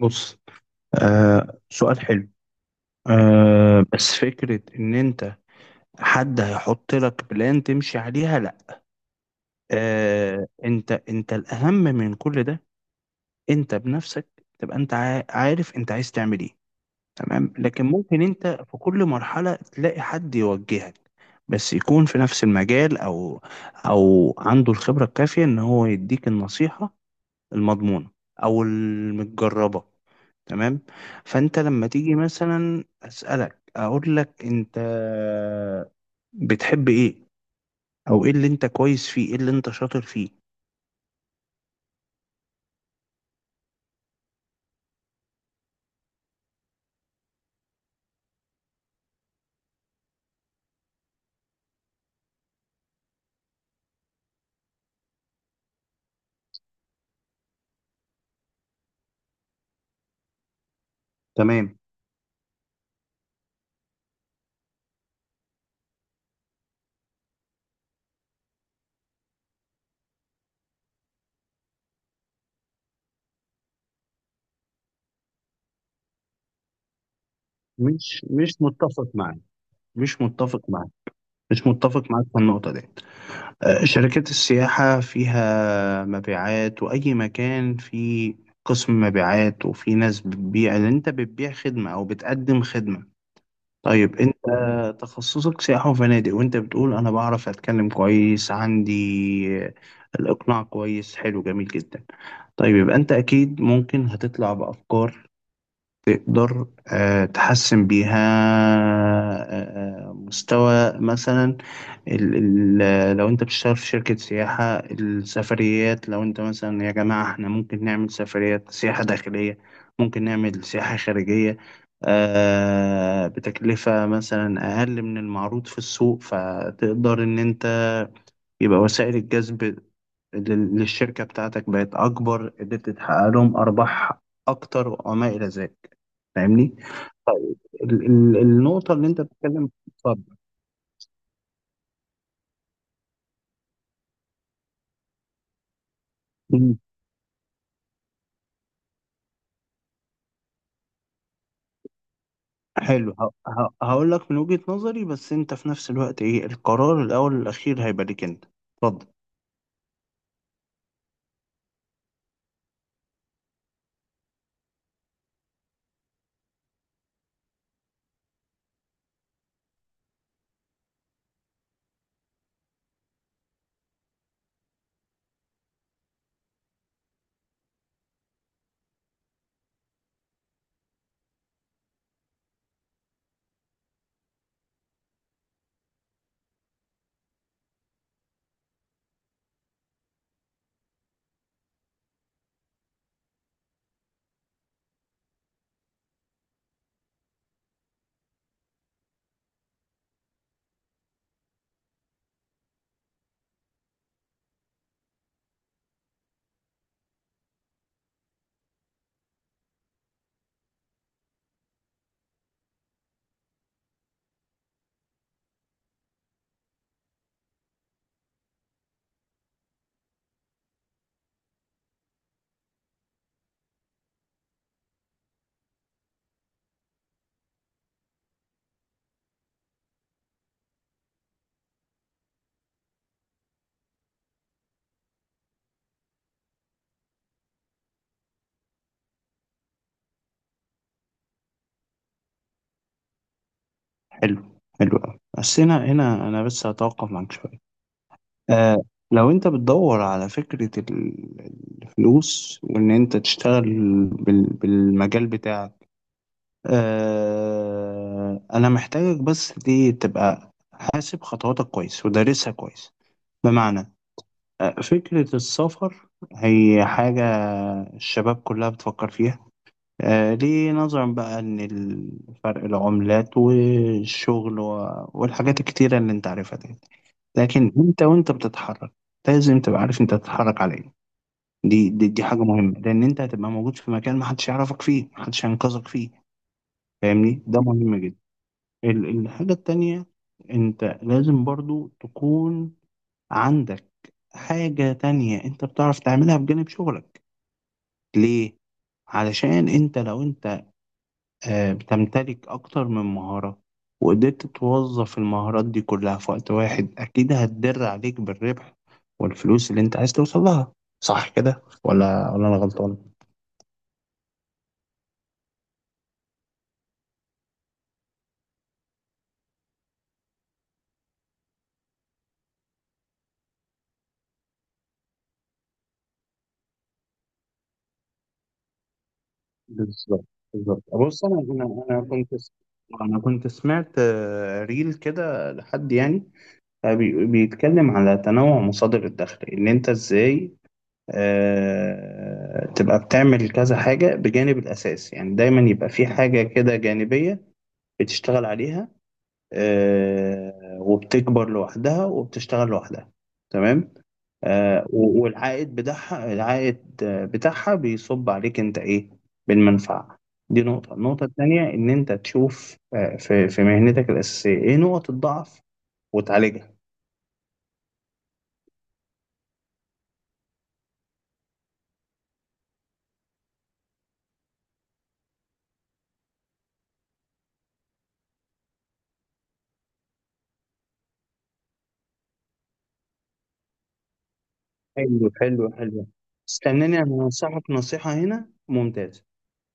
بص. آه، سؤال حلو. بس فكرة ان انت حد هيحط لك بلان تمشي عليها، لا. انت الاهم من كل ده. انت بنفسك تبقى انت عارف انت عايز تعمل ايه. تمام، لكن ممكن انت في كل مرحلة تلاقي حد يوجهك، بس يكون في نفس المجال او او عنده الخبرة الكافية ان هو يديك النصيحة المضمونة أو المتجربة. تمام. فأنت لما تيجي مثلا أسألك، أقول لك أنت بتحب إيه، أو إيه اللي أنت كويس فيه، إيه اللي أنت شاطر فيه. تمام. مش متفق معاك، مش متفق معاك، مش متفق معاك في النقطة دي. شركات السياحة فيها مبيعات، وأي مكان فيه قسم مبيعات، وفي ناس بتبيع، اللي أنت بتبيع خدمة أو بتقدم خدمة. طيب انت، تخصصك سياحة وفنادق، وانت بتقول انا بعرف اتكلم كويس، عندي الاقناع كويس، حلو، جميل جدا. طيب يبقى انت اكيد ممكن هتطلع بافكار، تقدر تحسن بيها مستوى مثلا ال ال لو انت بتشتغل في شركة سياحة السفريات، لو انت مثلا يا جماعة احنا ممكن نعمل سفريات، سياحة داخلية، ممكن نعمل سياحة خارجية بتكلفة مثلا أقل من المعروض في السوق، فتقدر إن أنت يبقى وسائل الجذب للشركة بتاعتك بقت أكبر، قدرت تحقق لهم أرباح أكتر وما إلى ذلك. فاهمني؟ طيب النقطة اللي أنت بتتكلم، اتفضل. مم. حلو، هقول لك من وجهة نظري، بس أنت في نفس الوقت إيه، القرار الأول والأخير هيبقى ليك أنت. اتفضل. حلو، حلو أوي، بس هنا هنا أنا بس هتوقف معاك شوية. آه لو أنت بتدور على فكرة الفلوس وإن أنت تشتغل بالمجال بتاعك، أنا محتاجك بس دي تبقى حاسب خطواتك كويس ودارسها كويس. بمعنى، فكرة السفر هي حاجة الشباب كلها بتفكر فيها، ليه؟ نظرا بقى إن فرق العملات والشغل والحاجات الكتيرة اللي أنت عارفها دي. لكن أنت وأنت بتتحرك لازم تبقى عارف أنت بتتحرك على إيه. دي حاجة مهمة، لأن أنت هتبقى موجود في مكان محدش يعرفك فيه، محدش هينقذك فيه. فاهمني؟ ده مهم جدا. الحاجة التانية، أنت لازم برضو تكون عندك حاجة تانية انت بتعرف تعملها بجانب شغلك. ليه؟ علشان انت، لو انت بتمتلك اكتر من مهارة وقدرت توظف المهارات دي كلها في وقت واحد، اكيد هتدر عليك بالربح والفلوس اللي انت عايز توصل لها. صح كده ولا انا غلطان؟ بالظبط، بالظبط. بص، انا كنت سمعت ريل كده لحد يعني بيتكلم على تنوع مصادر الدخل، ان انت ازاي تبقى بتعمل كذا حاجة بجانب الأساس، يعني دايما يبقى في حاجة كده جانبية بتشتغل عليها وبتكبر لوحدها وبتشتغل لوحدها. تمام. والعائد بتاعها، العائد بتاعها بيصب عليك انت ايه، بالمنفعة. دي نقطة. النقطة التانية ان انت تشوف في مهنتك الأساسية ايه نقط الضعف وتعالجها. حلو، حلو، حلو. استناني، انا هنصحك نصيحة هنا ممتازة.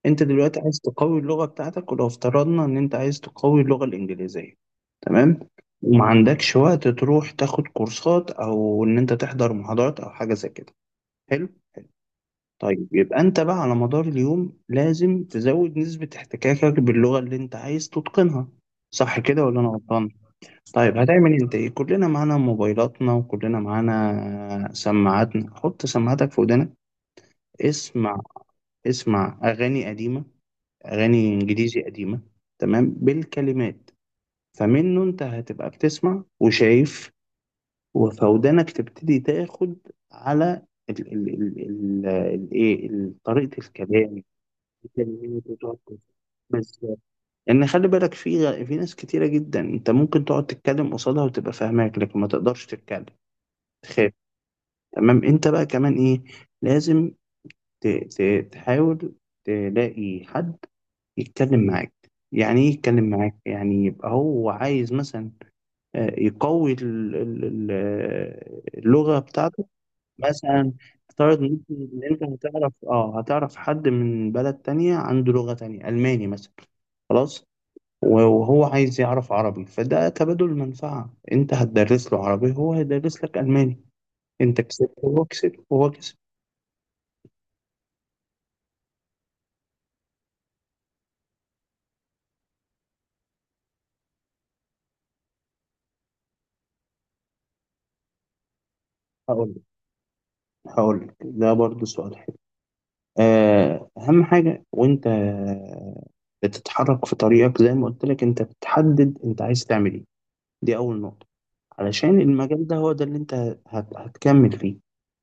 انت دلوقتي عايز تقوي اللغة بتاعتك، ولو افترضنا ان انت عايز تقوي اللغة الانجليزية، تمام، وما عندكش وقت تروح تاخد كورسات او ان انت تحضر محاضرات او حاجة زي كده. حلو. طيب يبقى انت بقى على مدار اليوم لازم تزود نسبة احتكاكك باللغة اللي انت عايز تتقنها. صح كده ولا انا غلطان؟ طيب، هتعمل انت ايه؟ كلنا معانا موبايلاتنا وكلنا معانا سماعاتنا، حط سماعاتك في ودنك. اسمع، اسمع اغاني قديمة، أغاني إنجليزي قديمة، تمام، بالكلمات. فمنه أنت هتبقى بتسمع وشايف، وفودانك تبتدي تاخد على ال ال ال ال ال إيه، طريقة الكلام، الكلمات، وتقعد تسمع. بس ان خلي بالك، في في ناس كتيره جدا انت ممكن تقعد تتكلم قصادها وتبقى فاهماك لكن ما تقدرش تتكلم، تخاف. تمام. انت بقى كمان ايه، لازم تحاول تلاقي حد يتكلم معاك. يعني ايه يتكلم معاك؟ يعني يبقى هو عايز مثلا يقوي اللغة بتاعته. مثلا افترض ان انت، إنت هتعرف، حد من بلد تانية عنده لغة تانية، ألماني مثلا، خلاص، وهو عايز يعرف عربي، فده تبادل منفعة، انت هتدرس له عربي، هو هيدرس لك ألماني، انت كسبت وهو كسب وهو كسب. هقول لك هقول لك ده برضه سؤال حلو. أهم حاجة وأنت بتتحرك في طريقك، زي ما قلت لك، أنت بتحدد أنت عايز تعمل إيه. دي أول نقطة، علشان المجال ده هو ده اللي أنت هتكمل فيه.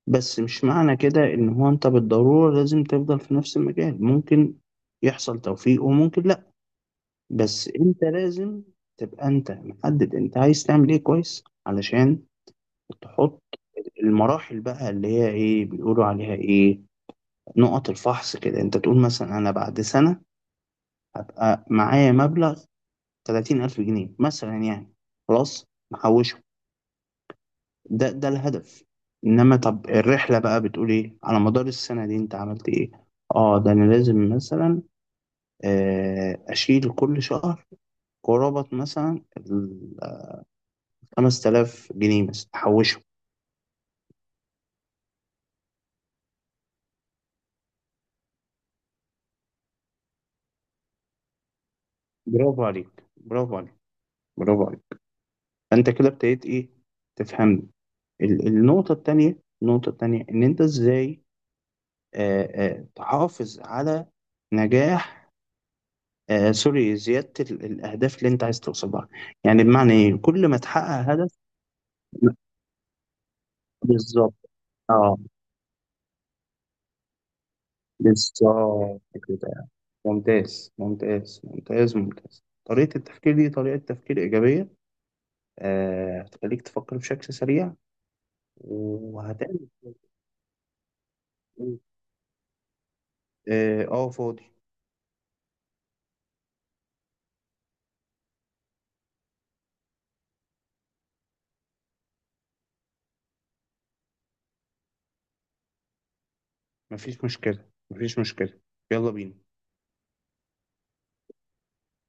بس مش معنى كده إن هو أنت بالضرورة لازم تفضل في نفس المجال، ممكن يحصل توفيق وممكن لأ. بس أنت لازم تبقى أنت محدد أنت عايز تعمل إيه كويس، علشان تحط المراحل بقى اللي هي إيه بيقولوا عليها إيه، نقط الفحص كده. أنت تقول مثلا، أنا بعد سنة هبقى معايا مبلغ 30,000 جنيه مثلا، يعني خلاص محوشه. ده الهدف. إنما طب الرحلة بقى بتقول إيه، على مدار السنة دي أنت عملت إيه. آه، ده أنا لازم مثلا أشيل كل شهر قرابة مثلا ال 5,000 جنيه مثلا أحوشه. برافو عليك، برافو عليك، برافو عليك. فأنت كده ابتديت إيه، تفهمني. النقطة التانية، النقطة التانية إن أنت إزاي تحافظ على نجاح. آه سوري، زيادة الأهداف اللي أنت عايز توصلها. يعني بمعنى إيه، كل ما تحقق هدف. بالظبط، اه، بالظبط كده. ممتاز، ممتاز، ممتاز، ممتاز، طريقة التفكير دي طريقة تفكير إيجابية. هتخليك تفكر بشكل سريع وهتعمل. اه، فاضي. مفيش مشكلة، مفيش مشكلة. يلا بينا.